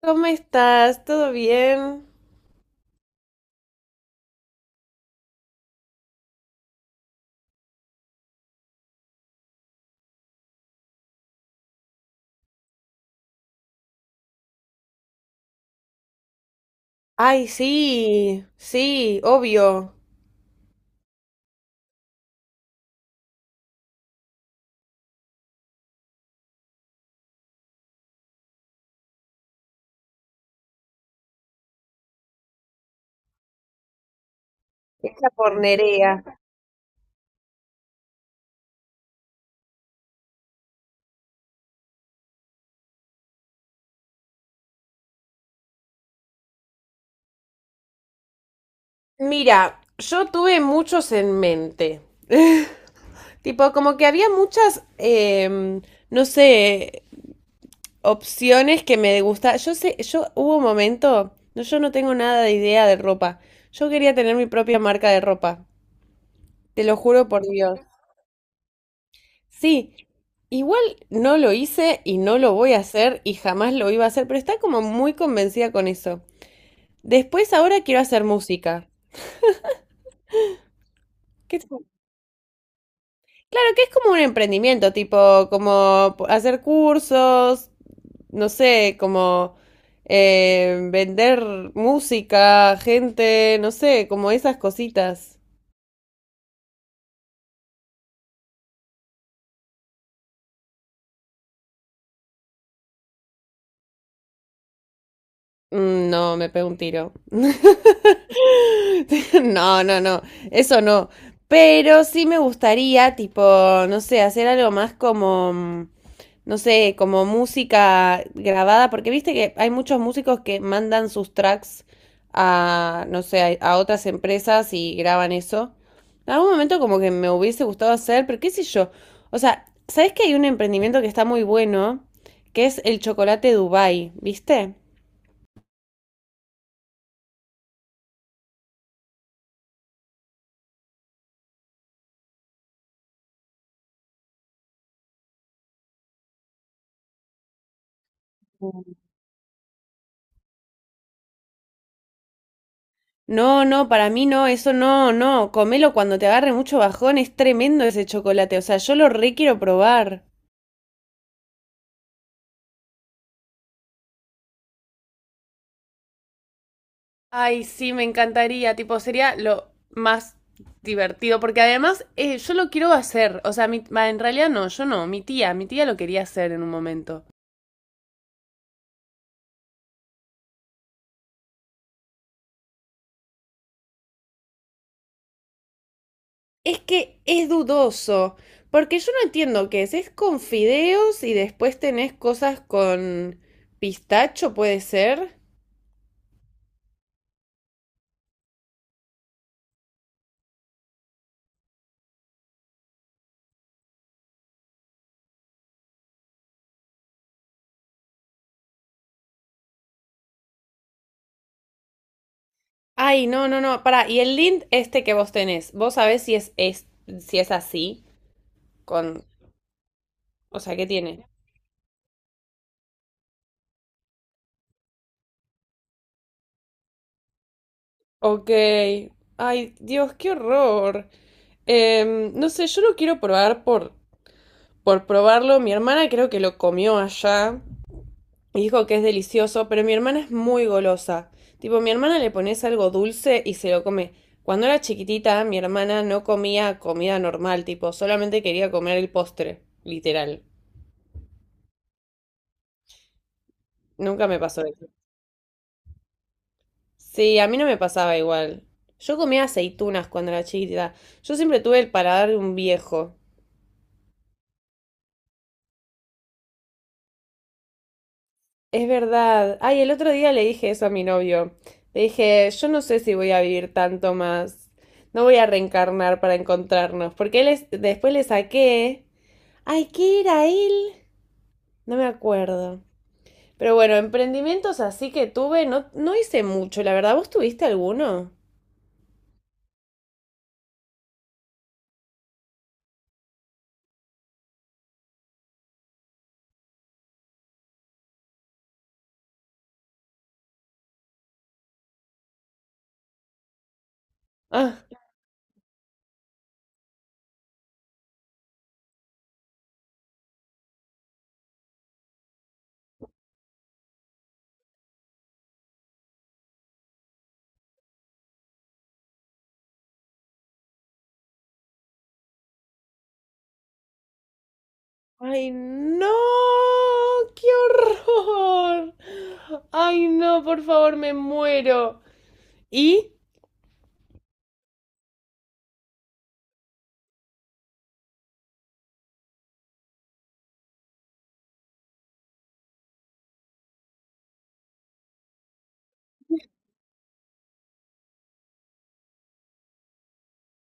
¿Cómo estás? ¿Todo bien? Ay, sí, sí, obvio. Esa por Nerea. Mira, yo tuve muchos en mente. Tipo, como que había muchas, no sé, opciones que me gustaban. Yo sé, yo hubo un momento, no, yo no tengo nada de idea de ropa. Yo quería tener mi propia marca de ropa. Te lo juro por Dios. Sí, igual no lo hice y no lo voy a hacer y jamás lo iba a hacer, pero está como muy convencida con eso. Después ahora quiero hacer música. Claro que es como un emprendimiento, tipo, como hacer cursos, no sé, como vender música, gente, no sé, como esas cositas. No, me pego un tiro. No, no, no, eso no. Pero sí me gustaría, tipo, no sé, hacer algo más como, no sé, como música grabada, porque viste que hay muchos músicos que mandan sus tracks a, no sé, a, otras empresas y graban eso. En algún momento como que me hubiese gustado hacer, pero qué sé yo. O sea, ¿sabes que hay un emprendimiento que está muy bueno, que es el chocolate Dubai? ¿Viste? No, no, para mí no, eso no, no, comelo cuando te agarre mucho bajón, es tremendo ese chocolate. O sea, yo lo re quiero probar. Ay, sí, me encantaría, tipo, sería lo más divertido, porque además yo lo quiero hacer. O sea, mi, bah, en realidad no, yo no, mi tía lo quería hacer en un momento. Es que es dudoso, porque yo no entiendo qué es con fideos y después tenés cosas con pistacho, puede ser. Ay, no, no, no, pará. Y el lint este que vos tenés, ¿vos sabés si es, es si es así? Con, o sea, ¿qué tiene? Ok. Ay, Dios, qué horror. No sé, yo lo quiero probar por probarlo. Mi hermana creo que lo comió allá y dijo que es delicioso, pero mi hermana es muy golosa. Tipo, mi hermana le pones algo dulce y se lo come. Cuando era chiquitita, mi hermana no comía comida normal, tipo, solamente quería comer el postre, literal. Nunca me pasó eso. Sí, a mí no me pasaba igual. Yo comía aceitunas cuando era chiquita. Yo siempre tuve el paladar de un viejo. Es verdad. Ay, el otro día le dije eso a mi novio. Le dije, yo no sé si voy a vivir tanto más. No voy a reencarnar para encontrarnos. Porque después le saqué. Ay, ¿qué era él? No me acuerdo. Pero bueno, emprendimientos así que tuve, no, no hice mucho, la verdad. ¿Vos tuviste alguno? Ah. Ay, no, qué horror. Ay, no, por favor, me muero. ¿Y?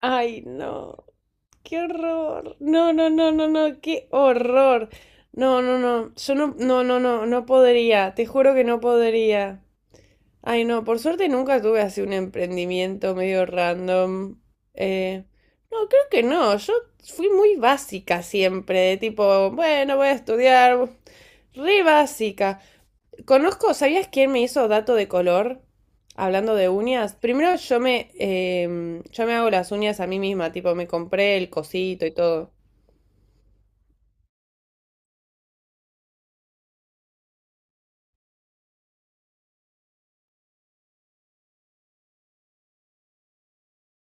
Ay, no, qué horror. No, no, no, no, no, qué horror. No, no, no, yo no, no, no, no, no podría, te juro que no podría. Ay, no, por suerte nunca tuve así un emprendimiento medio random. Eh, no, creo que no, yo fui muy básica siempre, de tipo, bueno, voy a estudiar. Re básica. Conozco, ¿sabías quién me hizo dato de color? Hablando de uñas. Primero yo me hago las uñas a mí misma, tipo me compré el cosito y todo.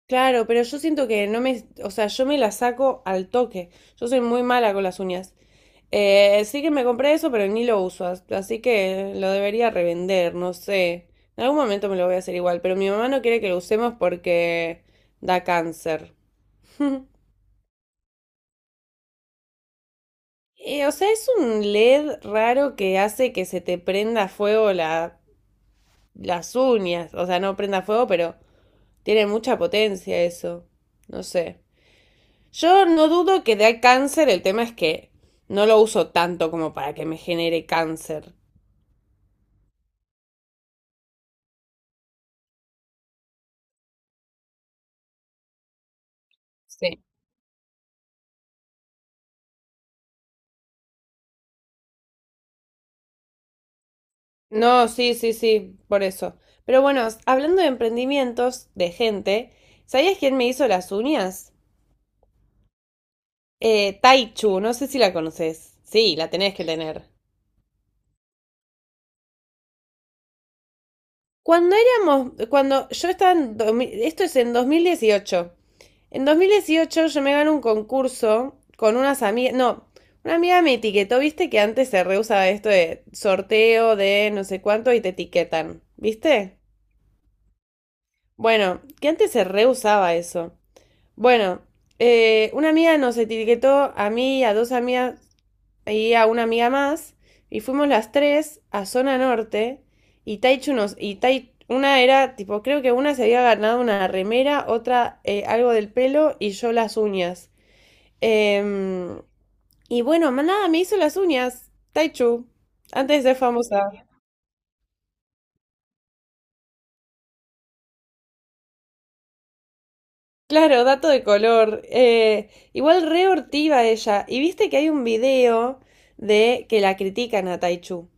Claro, pero yo siento que no me, o sea, yo me las saco al toque. Yo soy muy mala con las uñas. Sí que me compré eso, pero ni lo uso, así que lo debería revender, no sé. En algún momento me lo voy a hacer igual, pero mi mamá no quiere que lo usemos porque da cáncer. O sea, es un LED raro que hace que se te prenda fuego la, las uñas. O sea, no prenda fuego, pero tiene mucha potencia eso. No sé. Yo no dudo que dé cáncer, el tema es que no lo uso tanto como para que me genere cáncer. Sí. No, sí, sí, sí, por eso. Pero bueno, hablando de emprendimientos de gente, ¿sabías quién me hizo las uñas? Taichu, no sé si la conoces. Sí, la tenés que tener. Cuando yo estaba en 2000, esto es en 2018. En 2018 yo me gané un concurso con unas amigas, no, una amiga me etiquetó. Viste que antes se reusaba esto de sorteo de no sé cuánto y te etiquetan, ¿viste? Bueno, que antes se reusaba eso. Bueno, una amiga nos etiquetó a mí y a dos amigas y a una amiga más, y fuimos las tres a Zona Norte, y Tai, una era, tipo, creo que una se había ganado una remera, otra algo del pelo, y yo las uñas. Em, y bueno, más nada, me hizo las uñas Taichu, antes de ser famosa. Claro, dato de color. Igual re hortiva ella. Y viste que hay un video de que la critican a Taichu.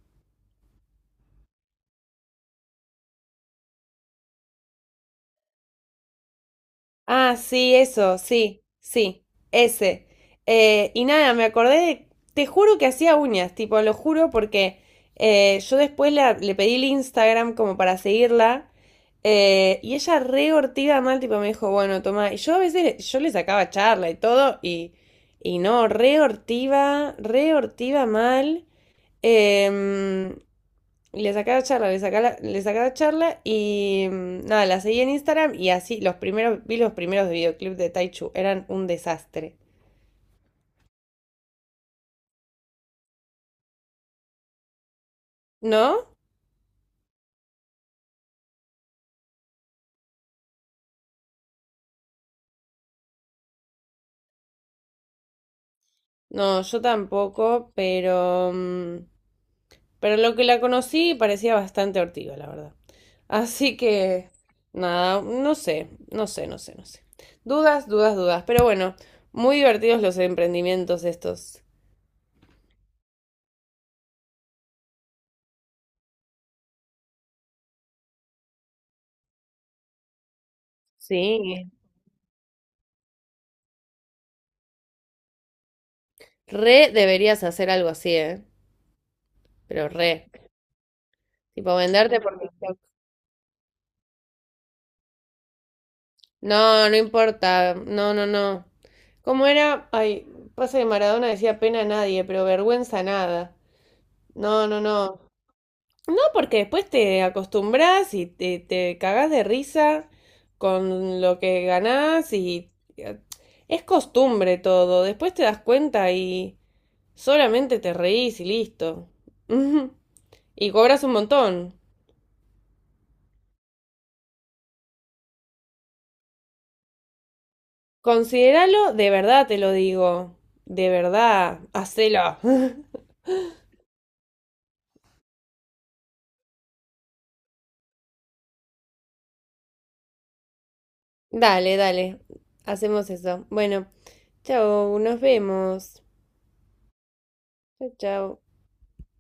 Ah, sí, eso, sí, sí, ese. Y nada, me acordé de, te juro que hacía uñas, tipo, lo juro porque yo después le pedí el Instagram como para seguirla, y ella re ortiga mal. Tipo, me dijo, bueno, toma, y yo a veces, yo le sacaba charla y todo y no, re ortiva mal. Em, y le saca la charla, le saca la charla y nada, la seguí en Instagram y así los primeros, vi los primeros videoclips de Taichu, eran un desastre. ¿No? No, yo tampoco, pero lo que la conocí parecía bastante ortiga la verdad. Así que, nada, no sé, no sé, no sé, no sé. Dudas, dudas, dudas, pero bueno, muy divertidos los emprendimientos estos. Sí. Re deberías hacer algo así, ¿eh? Pero re. Tipo venderte por... No, no importa. No, no, no. ¿Cómo era? Ay, pasa que Maradona decía pena a nadie, pero vergüenza nada. No, no, no. No, porque después te acostumbras y te cagás de risa con lo que ganás y eh, es costumbre todo. Después te das cuenta y solamente te reís y listo. Ujú. Y cobras un montón. Considéralo de verdad, te lo digo. De verdad, hacelo. Dale, dale. Hacemos eso. Bueno, chao, nos vemos. Chao, chao.